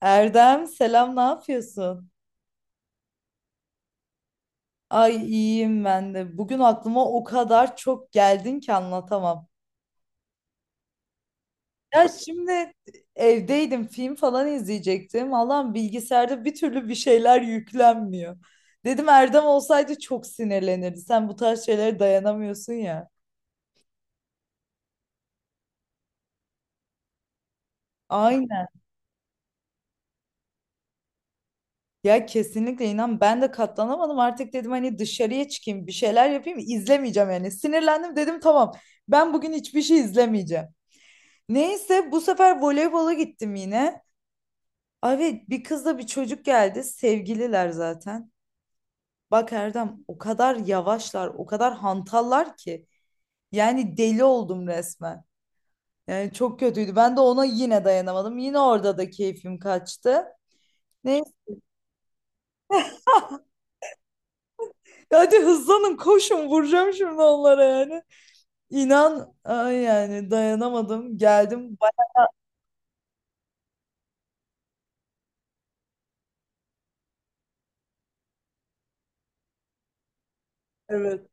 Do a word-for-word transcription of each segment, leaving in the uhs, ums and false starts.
Erdem selam, ne yapıyorsun? Ay iyiyim ben de. Bugün aklıma o kadar çok geldin ki anlatamam. Ya şimdi evdeydim, film falan izleyecektim. Allah'ım, bilgisayarda bir türlü bir şeyler yüklenmiyor. Dedim Erdem olsaydı çok sinirlenirdi. Sen bu tarz şeylere dayanamıyorsun ya. Aynen. Ya kesinlikle, inan ben de katlanamadım. Artık dedim hani dışarıya çıkayım, bir şeyler yapayım, izlemeyeceğim yani. Sinirlendim, dedim tamam ben bugün hiçbir şey izlemeyeceğim. Neyse, bu sefer voleybola gittim yine. Abi bir kızla bir çocuk geldi. Sevgililer zaten. Bak Erdem, o kadar yavaşlar, o kadar hantallar ki. Yani deli oldum resmen. Yani çok kötüydü. Ben de ona yine dayanamadım. Yine orada da keyfim kaçtı. Neyse, hadi hızlanın, koşun, vuracağım şimdi onlara yani. İnan ay, yani dayanamadım. Geldim. Bak, evet.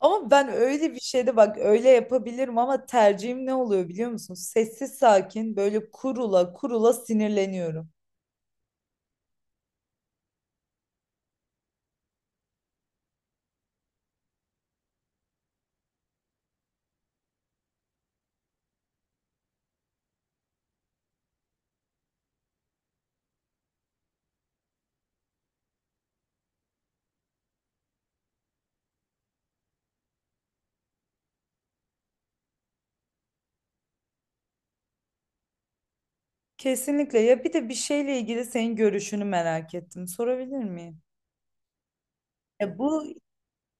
Ama ben öyle bir şeyde bak öyle yapabilirim, ama tercihim ne oluyor biliyor musun? Sessiz sakin böyle kurula kurula sinirleniyorum. Kesinlikle ya, bir de bir şeyle ilgili senin görüşünü merak ettim. Sorabilir miyim? Ya bu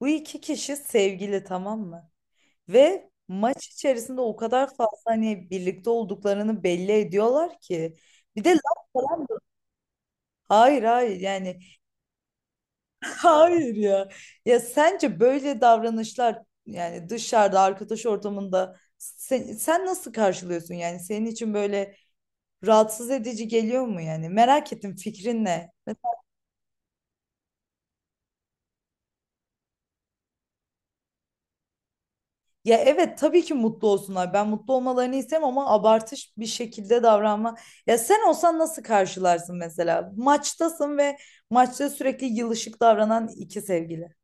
bu iki kişi sevgili, tamam mı? Ve maç içerisinde o kadar fazla hani birlikte olduklarını belli ediyorlar ki. Bir de laf falan. Hayır, hayır, yani hayır ya. Ya sence böyle davranışlar, yani dışarıda arkadaş ortamında sen, sen nasıl karşılıyorsun, yani senin için böyle rahatsız edici geliyor mu yani? Merak ettim, fikrin ne? Ya evet, tabii ki mutlu olsunlar. Ben mutlu olmalarını isterim, ama abartış bir şekilde davranma. Ya sen olsan nasıl karşılarsın mesela? Maçtasın ve maçta sürekli yılışık davranan iki sevgili.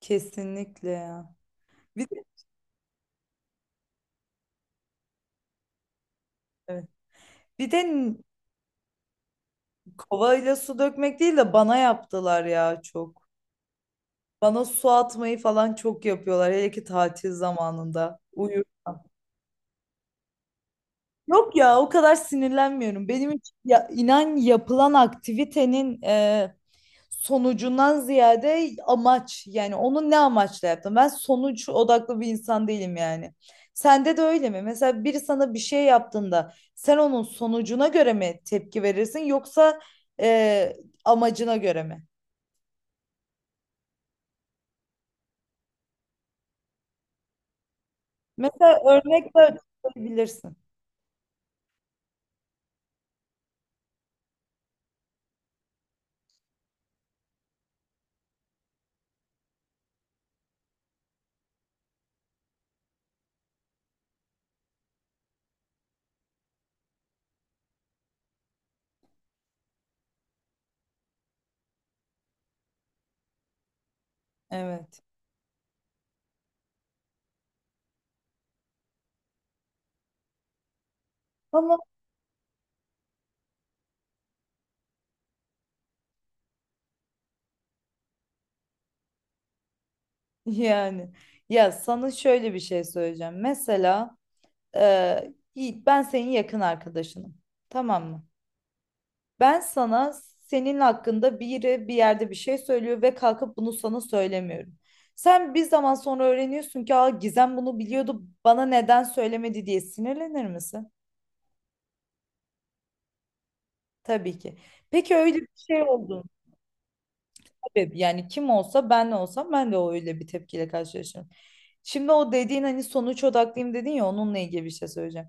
Kesinlikle ya. Bir de, evet. Bir de kovayla su dökmek değil de bana yaptılar ya çok. Bana su atmayı falan çok yapıyorlar. Hele ki tatil zamanında, uyurken. Yok ya, o kadar sinirlenmiyorum. Benim için ya, inan, yapılan aktivitenin e, sonucundan ziyade amaç. Yani onu ne amaçla yaptım? Ben sonuç odaklı bir insan değilim yani. Sende de öyle mi? Mesela biri sana bir şey yaptığında sen onun sonucuna göre mi tepki verirsin yoksa e, amacına göre mi? Mesela örnek de açıklayabilirsin. Evet. Ama yani ya sana şöyle bir şey söyleyeceğim. Mesela e, Yiğit, ben senin yakın arkadaşınım. Tamam mı? Ben sana senin hakkında biri bir yerde bir şey söylüyor ve kalkıp bunu sana söylemiyorum. Sen bir zaman sonra öğreniyorsun ki, aa, Gizem bunu biliyordu, bana neden söylemedi diye sinirlenir misin? Tabii ki. Peki öyle bir şey oldu mu? Tabii yani, kim olsa, ben de olsam ben de öyle bir tepkiyle karşılaşırım. Şimdi o dediğin hani sonuç odaklıyım dedin ya, onunla ilgili bir şey söyleyeceğim.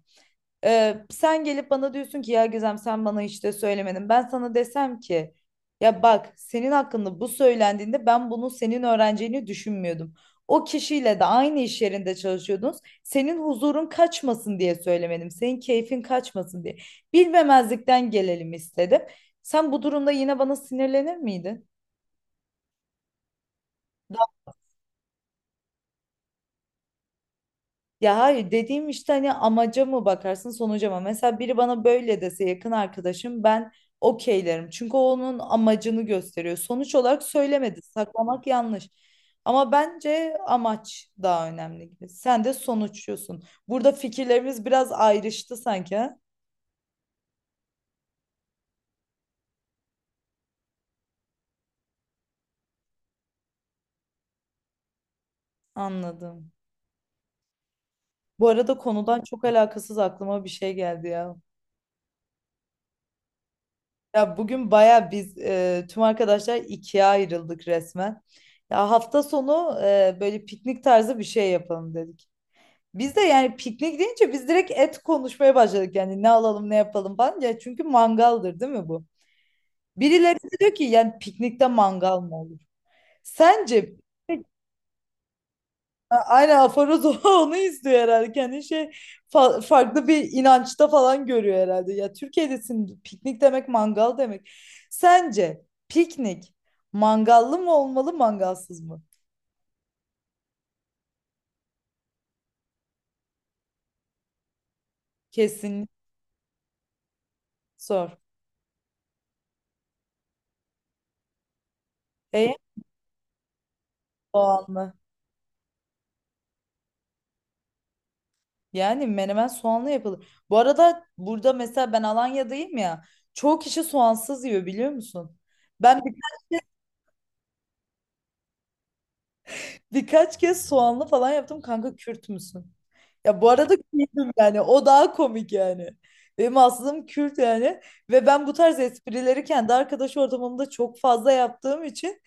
Ee, sen gelip bana diyorsun ki ya Gizem, sen bana işte söylemedin. Ben sana desem ki ya bak, senin hakkında bu söylendiğinde ben bunu senin öğreneceğini düşünmüyordum. O kişiyle de aynı iş yerinde çalışıyordunuz. Senin huzurun kaçmasın diye söylemedim. Senin keyfin kaçmasın diye. Bilmemezlikten gelelim istedim. Sen bu durumda yine bana sinirlenir miydin? Ya hayır, dediğim işte hani amaca mı bakarsın sonuca mı? Mesela biri bana böyle dese, yakın arkadaşım, ben okeylerim. Çünkü o onun amacını gösteriyor. Sonuç olarak söylemedi. Saklamak yanlış. Ama bence amaç daha önemli gibi. Sen de sonuçluyorsun. Burada fikirlerimiz biraz ayrıştı sanki, ha? Anladım. Bu arada, konudan çok alakasız, aklıma bir şey geldi ya. Ya bugün baya biz e, tüm arkadaşlar ikiye ayrıldık resmen. Ya hafta sonu e, böyle piknik tarzı bir şey yapalım dedik. Biz de yani piknik deyince biz direkt et konuşmaya başladık. Yani ne alalım ne yapalım falan. Ya çünkü mangaldır değil mi bu? Birileri de diyor ki yani piknikte mangal mı olur? Sence A- Aynen, aforoz onu izliyor herhalde. Kendi şey fa- farklı bir inançta falan görüyor herhalde. Ya Türkiye'desin, piknik demek mangal demek. Sence piknik mangallı mı olmalı mangalsız mı? Kesinlikle. Sor. E, soğanlı. Yani menemen soğanlı yapılır. Bu arada burada mesela ben Alanya'dayım ya. Çoğu kişi soğansız yiyor biliyor musun? Ben birkaç Birkaç kez soğanlı falan yaptım. Kanka Kürt müsün? Ya bu arada Kürt'üm yani. O daha komik yani. Benim aslım Kürt yani. Ve ben bu tarz esprileri kendi arkadaş ortamımda çok fazla yaptığım için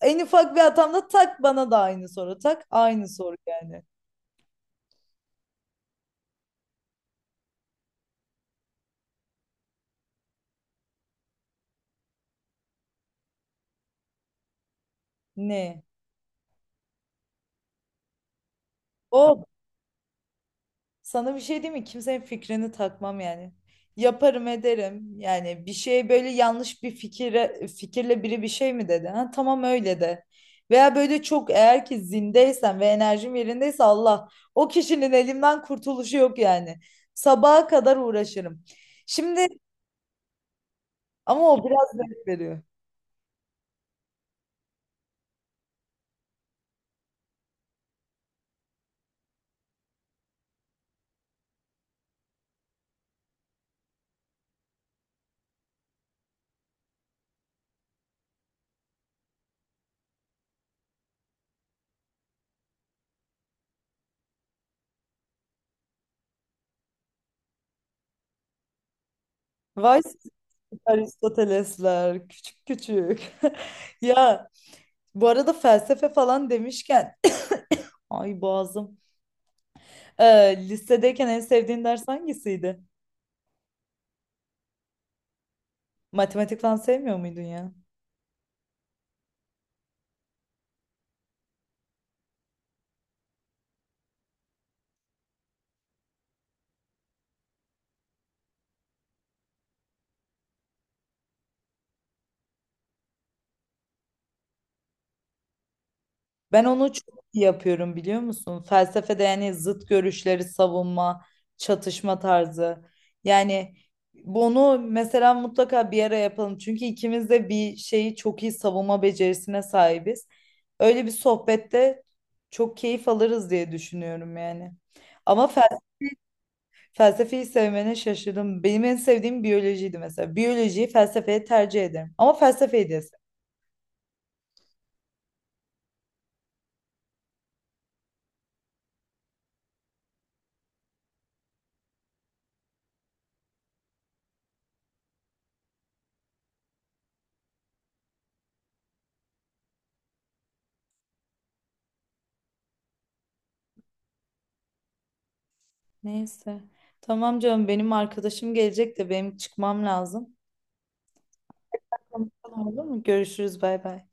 en ufak bir hatamda tak bana da aynı soru. Tak aynı soru yani. Ne? O Sana bir şey diyeyim mi? Kimsenin fikrini takmam yani. Yaparım ederim. Yani bir şey böyle yanlış bir fikire, fikirle biri bir şey mi dedi? Ha, tamam öyle de. Veya böyle çok eğer ki zindeysen ve enerjim yerindeyse, Allah, o kişinin elimden kurtuluşu yok yani. Sabaha kadar uğraşırım. Şimdi ama o biraz zevk veriyor. Vay siz Aristotelesler küçük küçük. Ya bu arada felsefe falan demişken, ay boğazım. Ee, lisedeyken en sevdiğin ders hangisiydi? Matematik falan sevmiyor muydun ya? Ben onu çok iyi yapıyorum biliyor musun? Felsefede yani zıt görüşleri savunma, çatışma tarzı. Yani bunu mesela mutlaka bir ara yapalım. Çünkü ikimiz de bir şeyi çok iyi savunma becerisine sahibiz. Öyle bir sohbette çok keyif alırız diye düşünüyorum yani. Ama Felsefeyi sevmene şaşırdım. Benim en sevdiğim biyolojiydi mesela. Biyolojiyi felsefeye tercih ederim. Ama felsefeyi de sev- neyse. Tamam canım, benim arkadaşım gelecek de benim çıkmam lazım. Tamam, olur mu? Görüşürüz, bay bay.